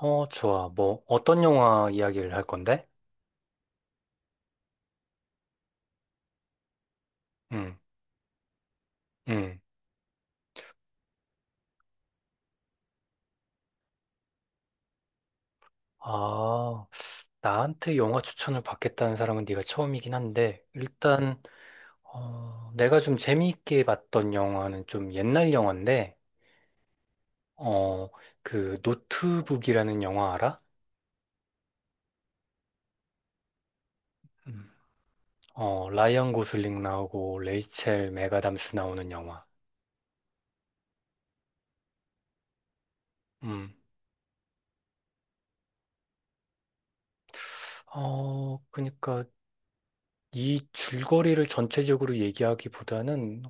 어, 좋아. 뭐, 어떤 영화 이야기를 할 건데? 응, 응. 아, 나한테 영화 추천을 받겠다는 사람은 네가 처음이긴 한데, 일단, 내가 좀 재미있게 봤던 영화는 좀 옛날 영화인데, 어, 그, 노트북이라는 영화 알아? 음. 라이언 고슬링 나오고, 레이첼 맥아담스 나오는 영화. 음. 그니까, 러이 줄거리를 전체적으로 얘기하기보다는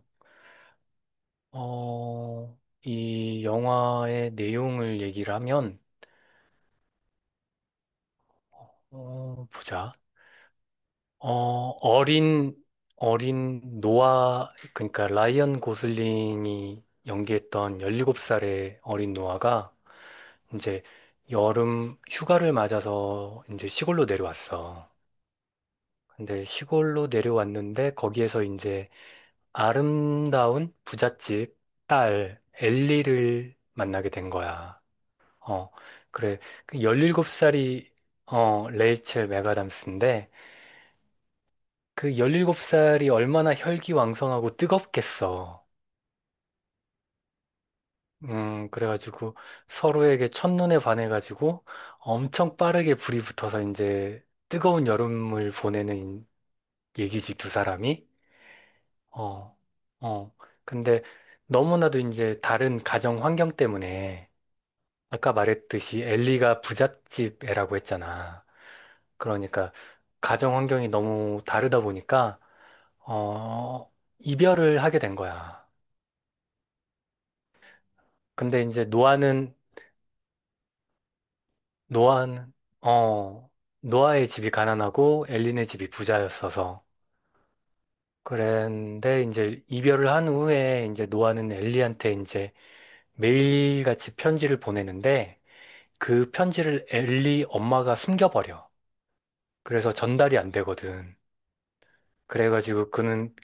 어, 이 영화의 내용을 얘기를 하면, 보자. 어, 어린, 어린 노아, 그러니까 라이언 고슬링이 연기했던 17살의 어린 노아가 이제 여름 휴가를 맞아서 이제 시골로 내려왔어. 근데 시골로 내려왔는데 거기에서 이제 아름다운 부잣집 딸 엘리를 만나게 된 거야. 어, 그래. 그 17살이, 레이첼 맥아담스인데, 그 17살이 얼마나 혈기왕성하고 뜨겁겠어. 그래가지고 서로에게 첫눈에 반해가지고 엄청 빠르게 불이 붙어서 이제 뜨거운 여름을 보내는 얘기지, 두 사람이. 어, 어. 근데 너무나도 이제 다른 가정 환경 때문에, 아까 말했듯이 엘리가 부잣집 애라고 했잖아. 그러니까 가정 환경이 너무 다르다 보니까 어 이별을 하게 된 거야. 근데 이제 노아는 노아는 어 노아의 집이 가난하고 엘린의 집이 부자였어서, 그런데 이제 이별을 한 후에 이제 노아는 엘리한테 이제 매일같이 편지를 보내는데 그 편지를 엘리 엄마가 숨겨버려. 그래서 전달이 안 되거든. 그래가지고 그는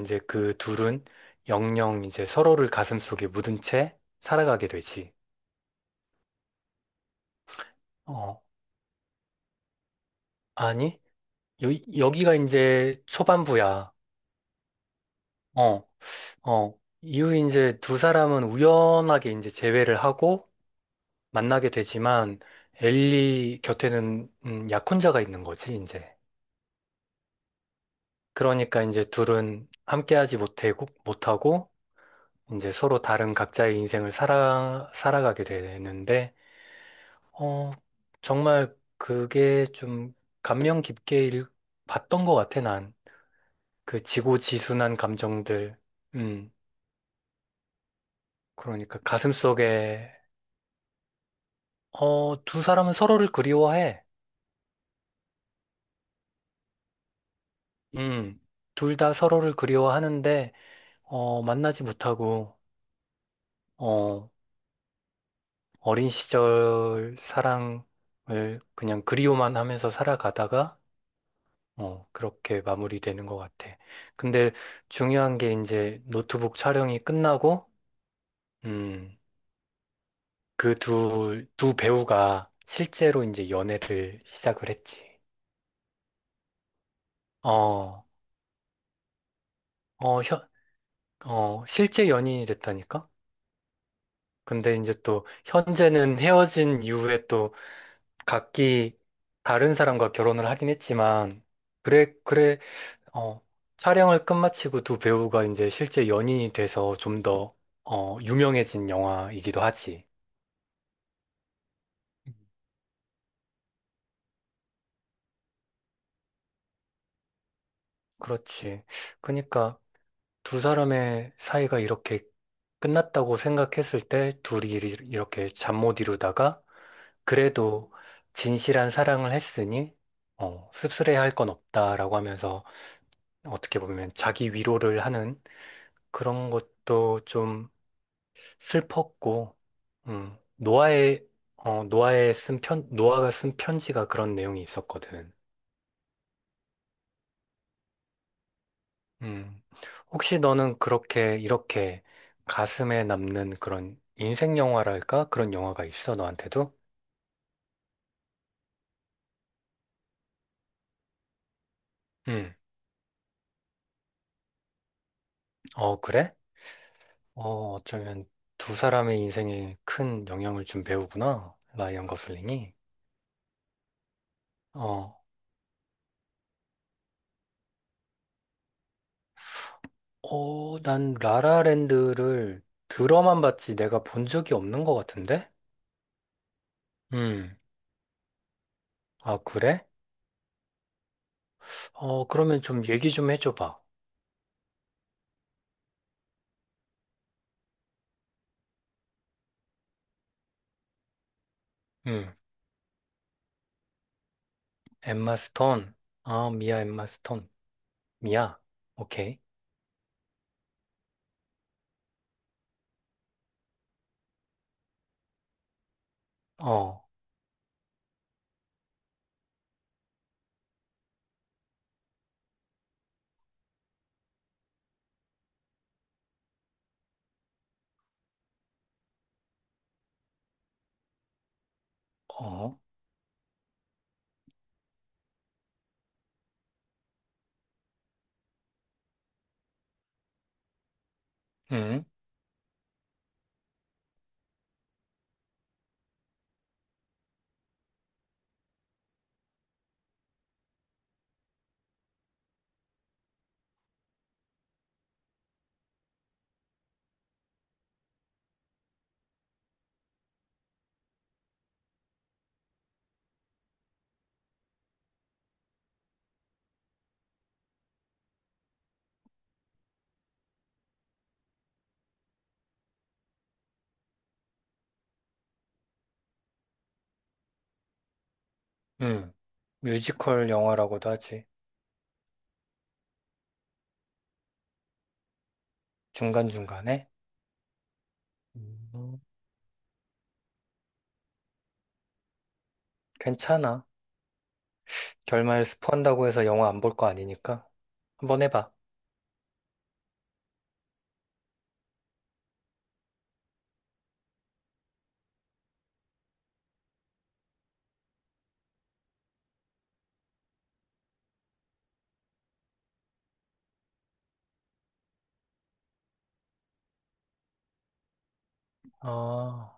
이제 그 둘은 영영 이제 서로를 가슴속에 묻은 채 살아가게 되지. 어, 아니, 여, 여기가 이제 초반부야. 어, 어. 이후 이제 두 사람은 우연하게 이제 재회를 하고 만나게 되지만 엘리 곁에는 약혼자가 있는 거지, 이제. 그러니까 이제 둘은 함께하지 못하고 이제 서로 다른 각자의 인생을 살아가게 되는데, 어, 정말 그게 좀 감명 깊게 봤던 것 같아, 난. 그 지고지순한 감정들. 음, 그러니까 가슴속에, 두 사람은 서로를 그리워해. 음, 둘 다 서로를 그리워하는데, 만나지 못하고, 어, 어린 시절 사랑을 그냥 그리워만 하면서 살아가다가, 그렇게 마무리되는 것 같아. 근데 중요한 게, 이제 노트북 촬영이 끝나고, 음, 그 두 배우가 실제로 이제 연애를 시작을 했지. 어, 어, 현, 실제 연인이 됐다니까? 근데 이제 또 현재는 헤어진 이후에 또 각기 다른 사람과 결혼을 하긴 했지만, 그래, 그래, 어, 촬영을 끝마치고 두 배우가 이제 실제 연인이 돼서 좀 더, 유명해진 영화이기도 하지. 그렇지. 그러니까 두 사람의 사이가 이렇게 끝났다고 생각했을 때 둘이 이렇게 잠 못 이루다가, 그래도 진실한 사랑을 했으니 씁쓸해 할 건 없다라고 하면서 어떻게 보면 자기 위로를 하는 그런 것도 좀 슬펐고, 노아의 어, 노아의 쓴 편, 노아가 쓴 편지가 그런 내용이 있었거든. 음. 혹시 너는 그렇게 이렇게 가슴에 남는 그런 인생 영화랄까, 그런 영화가 있어, 너한테도? 음. 어, 그래? 어쩌면 두 사람의 인생에 큰 영향을 준 배우구나. 라이언 거슬링이. 어. 난 라라랜드를 들어만 봤지 내가 본 적이 없는 것 같은데? 음. 아, 그래? 그러면 좀 얘기 좀 해줘 봐. 음. 엠마 스톤. 아, 미아 엠마 스톤. 미아. 오케이. 어. 어? 응, 응. 뮤지컬 영화라고도 하지. 중간중간에? 음, 괜찮아. 결말 스포한다고 해서 영화 안 볼 거 아니니까. 한번 해봐. 아,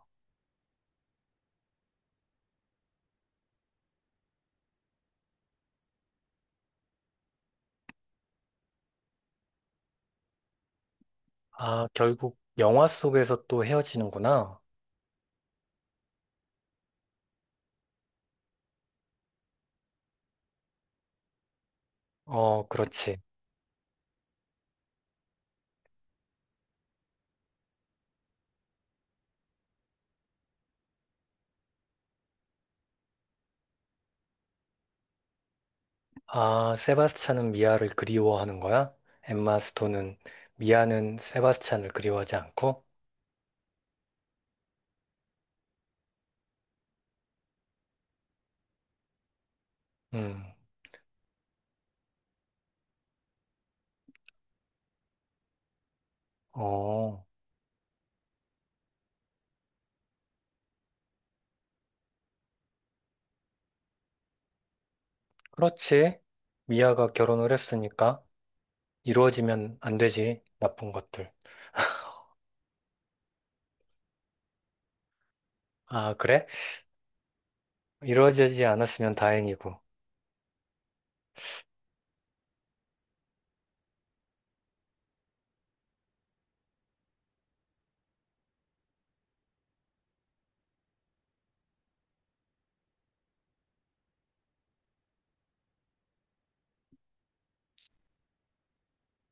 아, 결국 영화 속에서 또 헤어지는구나. 어, 그렇지. 아, 세바스찬은 미아를 그리워하는 거야? 엠마 스톤은, 미아는 세바스찬을 그리워하지 않고? 음. 어, 그렇지. 미아가 결혼을 했으니까 이루어지면 안 되지. 나쁜 것들. 아, 그래? 이루어지지 않았으면 다행이고.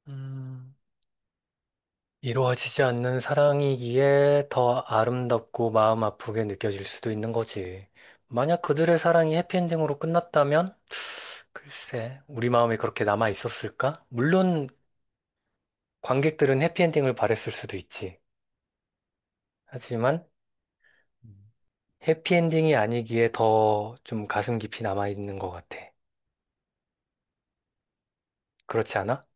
음, 이루어지지 않는 사랑이기에 더 아름답고 마음 아프게 느껴질 수도 있는 거지. 만약 그들의 사랑이 해피엔딩으로 끝났다면, 글쎄, 우리 마음에 그렇게 남아 있었을까? 물론 관객들은 해피엔딩을 바랬을 수도 있지. 하지만 해피엔딩이 아니기에 더 좀 가슴 깊이 남아 있는 것 같아. 그렇지 않아?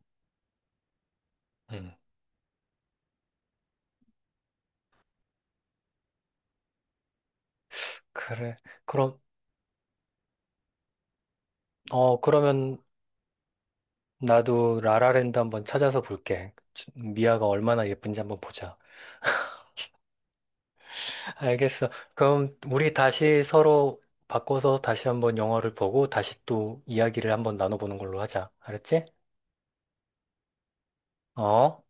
음, 그래. 그럼, 그러면 나도 라라랜드 한번 찾아서 볼게. 미아가 얼마나 예쁜지 한번 보자. 알겠어. 그럼 우리 다시 서로 바꿔서 다시 한번 영화를 보고 다시 또 이야기를 한번 나눠보는 걸로 하자. 알았지? 어?